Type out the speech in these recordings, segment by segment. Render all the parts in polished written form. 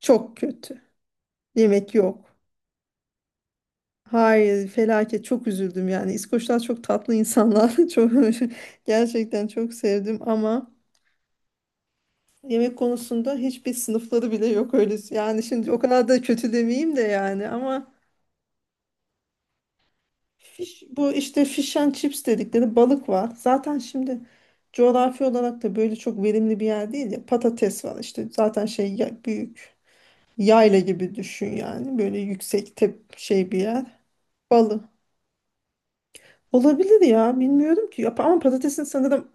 Çok kötü. Yemek yok. Hayır, felaket. Çok üzüldüm yani. İskoçlar çok tatlı insanlar. Çok gerçekten çok sevdim ama yemek konusunda hiçbir sınıfları bile yok öyle. Yani şimdi o kadar da kötü demeyeyim de yani ama bu işte fish and chips dedikleri balık var. Zaten şimdi coğrafi olarak da böyle çok verimli bir yer değil ya. Patates var işte. Zaten büyük yayla gibi düşün yani. Böyle yüksek tep şey bir yer. Balık. Olabilir ya bilmiyorum ki ama patatesin sanırım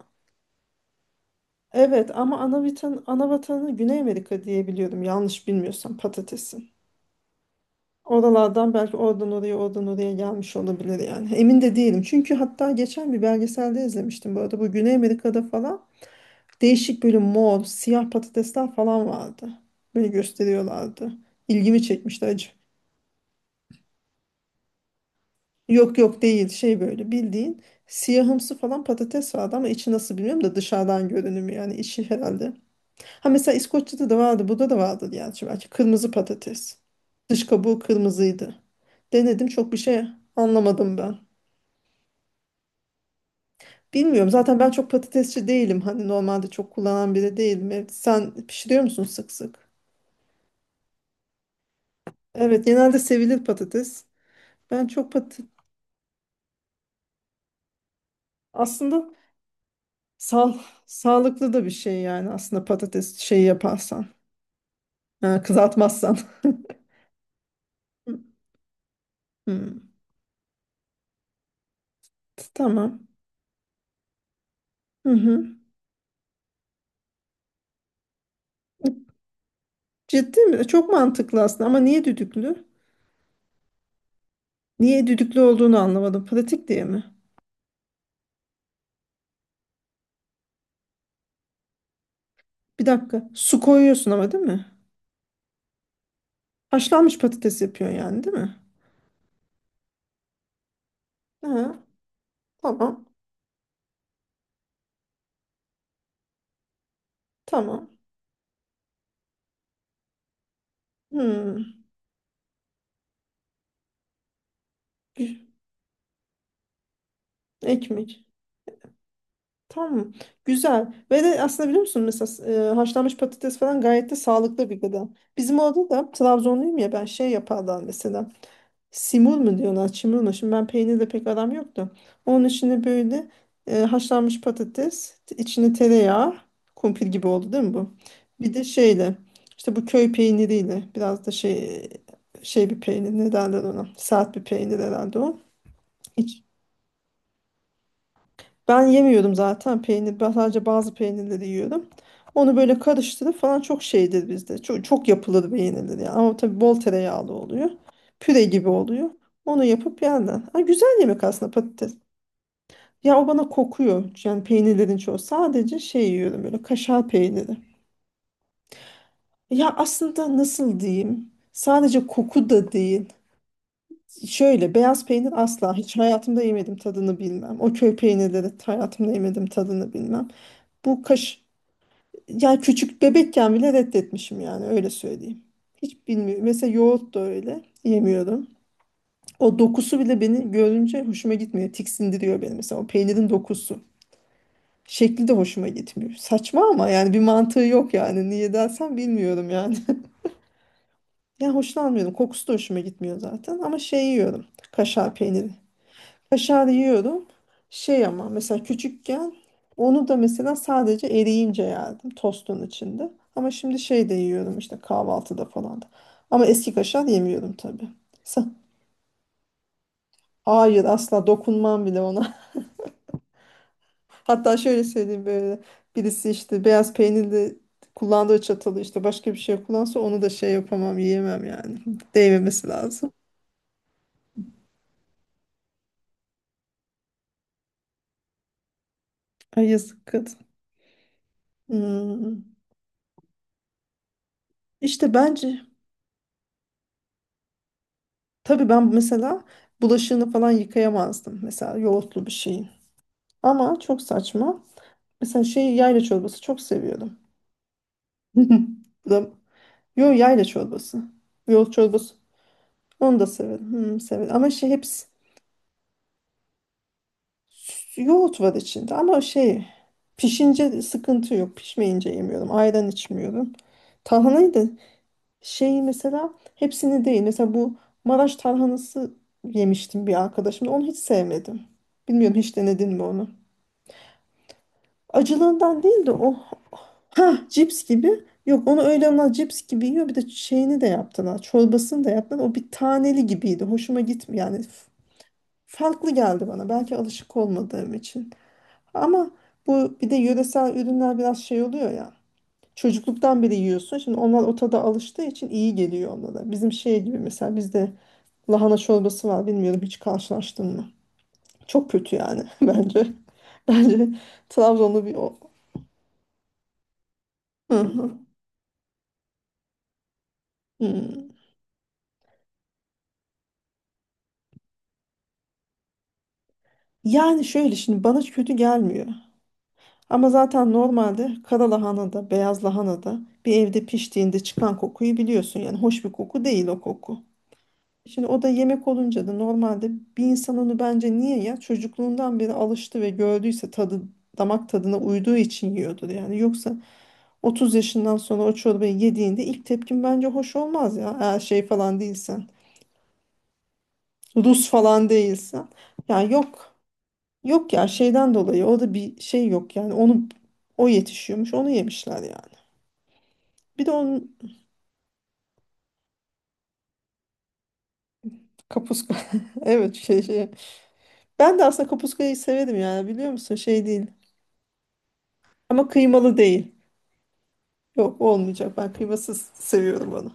evet ama ana vatanı Güney Amerika diye biliyorum yanlış bilmiyorsam patatesin. Oralardan belki oradan oraya gelmiş olabilir yani. Emin de değilim. Çünkü hatta geçen bir belgeselde izlemiştim bu arada. Bu Güney Amerika'da falan değişik böyle mor, siyah patatesler falan vardı. Böyle gösteriyorlardı. İlgimi çekmişti acı. Yok yok değil şey böyle bildiğin siyahımsı falan patates vardı ama içi nasıl bilmiyorum da dışarıdan görünümü yani içi herhalde. Ha mesela İskoçya'da da vardı, burada da vardı yani şimdi belki kırmızı patates. Dış kabuğu kırmızıydı. Denedim çok bir şey anlamadım ben. Bilmiyorum zaten ben çok patatesçi değilim. Hani normalde çok kullanan biri değilim. Evet, sen pişiriyor musun sık sık? Evet genelde sevilir patates. Ben çok patates aslında sağ sağlıklı da bir şey yani aslında patates şeyi yaparsan. Ha, kızartmazsan. Hmm. Tamam. Hı hı. Ciddi mi? Çok mantıklı aslında ama niye düdüklü? Niye düdüklü olduğunu anlamadım. Pratik diye mi? Bir dakika. Su koyuyorsun ama değil mi? Haşlanmış patates yapıyorsun yani değil mi? Ha, tamam. Tamam. Hmm. Gü- Ekmek. Tamam. Güzel. Ve de aslında biliyor musun mesela haşlanmış patates falan gayet de sağlıklı bir gıda. Bizim orada da Trabzonluyum ya ben şey yaparlar mesela. Simul mu diyorlar, çimul mu? Şimdi ben peynirle pek aram yoktu. Onun içine böyle haşlanmış patates, içine tereyağı, kumpir gibi oldu değil mi bu? Bir de şeyle, işte bu köy peyniriyle, biraz da şey bir peynir, ne derler ona? Sert bir peynir herhalde o. İç, ben yemiyordum zaten peynir. Ben sadece bazı peynirleri yiyorum. Onu böyle karıştırıp falan çok şeydir bizde. Çok, çok yapılır peynirleri. Yani. Ama tabii bol tereyağlı oluyor. Püre gibi oluyor. Onu yapıp yerler. Ha, güzel yemek aslında patates. Ya o bana kokuyor. Yani peynirlerin çoğu. Sadece şey yiyorum böyle kaşar peyniri. Ya aslında nasıl diyeyim? Sadece koku da değil. Şöyle beyaz peynir asla hiç hayatımda yemedim tadını bilmem. O köy peynirleri hayatımda yemedim tadını bilmem. Bu kaş Yani küçük bebekken bile reddetmişim yani öyle söyleyeyim. Hiç bilmiyorum. Mesela yoğurt da öyle yemiyorum. O dokusu bile beni görünce hoşuma gitmiyor. Tiksindiriyor beni mesela o peynirin dokusu. Şekli de hoşuma gitmiyor. Saçma ama yani bir mantığı yok yani. Niye dersen bilmiyorum yani. Yani hoşlanmıyorum. Kokusu da hoşuma gitmiyor zaten ama şey yiyorum. Kaşar peyniri. Kaşar yiyorum. Şey ama mesela küçükken onu da mesela sadece eriyince yerdim tostun içinde. Ama şimdi şey de yiyorum işte kahvaltıda falan da. Ama eski kaşar yemiyorum tabii. Sa- Hayır asla dokunmam bile ona. Hatta şöyle söyleyeyim böyle birisi işte beyaz peynirli kullandığı çatalı işte başka bir şey kullansa onu da şey yapamam yiyemem yani. Değmemesi lazım. Ay yazık kadın. Hmm. İşte bence tabii ben mesela bulaşığını falan yıkayamazdım. Mesela yoğurtlu bir şeyin. Ama çok saçma. Mesela şey yayla çorbası çok seviyordum. Bu da- Yo yayla çorbası. Yoğurt çorbası. Onu da severim. Hmm, severim. Ama şey hepsi yoğurt var içinde. Ama şey pişince sıkıntı yok. Pişmeyince yemiyorum. Ayran içmiyorum. Tarhanayı da şey mesela hepsini değil. Mesela bu Maraş tarhanası yemiştim bir arkadaşımla. Onu hiç sevmedim. Bilmiyorum hiç denedin mi onu? Acılığından değil de ha cips gibi. Yok onu öyle ama cips gibi yiyor. Bir de şeyini de yaptılar. Çorbasını da yaptılar. O bir taneli gibiydi. Hoşuma gitmiyor. Farklı geldi bana. Belki alışık olmadığım için. Ama bu bir de yöresel ürünler biraz şey oluyor ya. Çocukluktan beri yiyorsun. Şimdi onlar o tada alıştığı için iyi geliyor onlara. Bizim şey gibi mesela bizde lahana çorbası var. Bilmiyorum hiç karşılaştın mı? Çok kötü yani bence. Bence Trabzonlu bir o. Hı hı. Hmm. Yani şöyle şimdi bana kötü gelmiyor. Ama zaten normalde kara lahana da beyaz lahana da bir evde piştiğinde çıkan kokuyu biliyorsun. Yani hoş bir koku değil o koku. Şimdi o da yemek olunca da normalde bir insan onu bence niye ya çocukluğundan beri alıştı ve gördüyse tadı damak tadına uyduğu için yiyordur. Yani yoksa 30 yaşından sonra o çorbayı yediğinde ilk tepkin bence hoş olmaz ya. Eğer şey falan değilsen, Rus falan değilsen. Ya yok. Yok ya şeyden dolayı orada bir şey yok yani onu o yetişiyormuş onu yemişler yani. Bir de onun kapuska evet şey. Ben de aslında kapuskayı severim yani biliyor musun şey değil ama kıymalı değil. Yok olmayacak ben kıymasız seviyorum onu.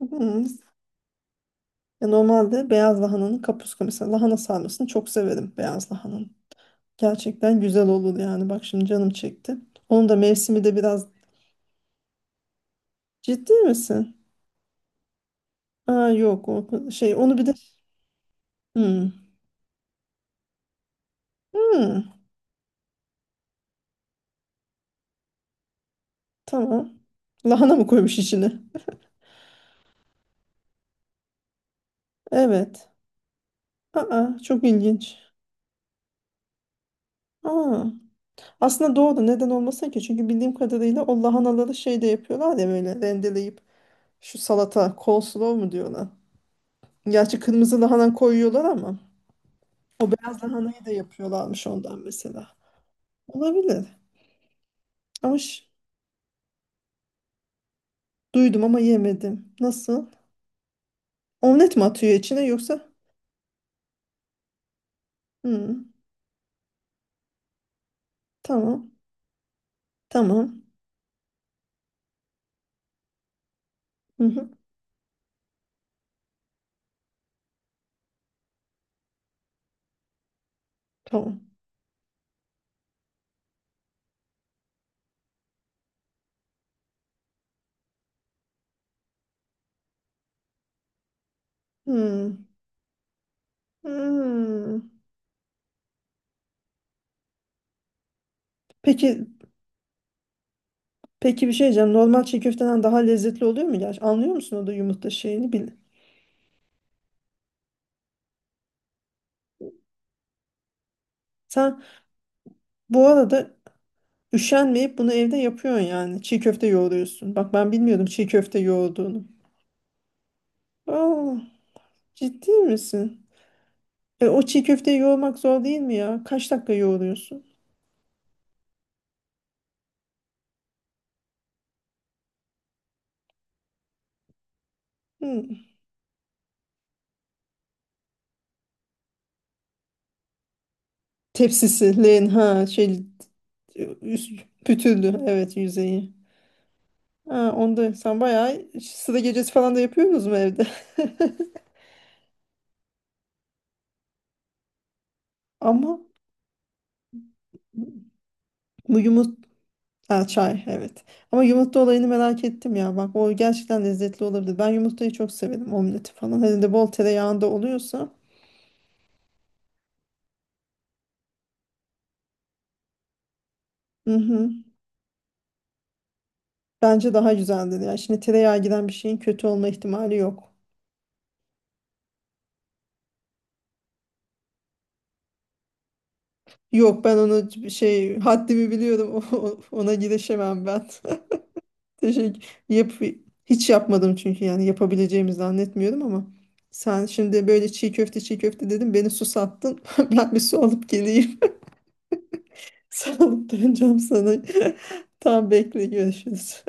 Hı. Ya normalde beyaz lahananın kapuska mesela lahana sarmasını çok severim beyaz lahananın. Gerçekten güzel olur yani bak şimdi canım çekti. Onun da mevsimi de biraz ciddi misin? Aa yok o şey onu bir de. Hı. Hı. Tamam. Lahana mı koymuş içine? Evet. Aa, çok ilginç. Aa, aslında doğru. Neden olmasın ki? Çünkü bildiğim kadarıyla o lahanaları şey de yapıyorlar ya böyle rendeleyip şu salata, coleslaw mu diyorlar. Gerçi kırmızı lahana koyuyorlar ama o beyaz lahanayı da yapıyorlarmış ondan mesela. Olabilir. Ama ş- duydum ama yemedim. Nasıl? Omlet mi atıyor içine yoksa? Hmm, tamam. Tamam. Hı hı, tamam. Hmm. Hmm. Peki Peki bir şey diyeceğim. Normal çiğ köfteden daha lezzetli oluyor mu? Gerçi anlıyor musun o da yumurta şeyini bil. Sen bu arada üşenmeyip bunu evde yapıyorsun yani. Çiğ köfte yoğuruyorsun. Bak ben bilmiyordum çiğ köfte yoğurduğunu. Aa, ciddi misin? O çiğ köfteyi yoğurmak zor değil mi ya? Kaç dakika yoğuruyorsun? Hmm. Tepsisi, len ha şey üst, pütürlü evet yüzeyi. Ha, onda sen bayağı sıra gecesi falan da yapıyorsunuz mu evde? Ama bu yumurta. Ha, çay evet. Ama yumurta olayını merak ettim ya. Bak o gerçekten lezzetli olabilir. Ben yumurtayı çok severim omleti falan. Hele de bol tereyağında oluyorsa. Hı hı. Bence daha güzeldir. Yani şimdi tereyağı giren bir şeyin kötü olma ihtimali yok. Yok ben onu şey haddimi biliyorum. Ona girişemem ben. Teşekkür. Yap, hiç yapmadım çünkü yani yapabileceğimi zannetmiyorum ama sen şimdi böyle çiğ köfte dedim beni susattın. Ben bir su alıp geleyim. Sağlık döneceğim sana. Tam bekle görüşürüz.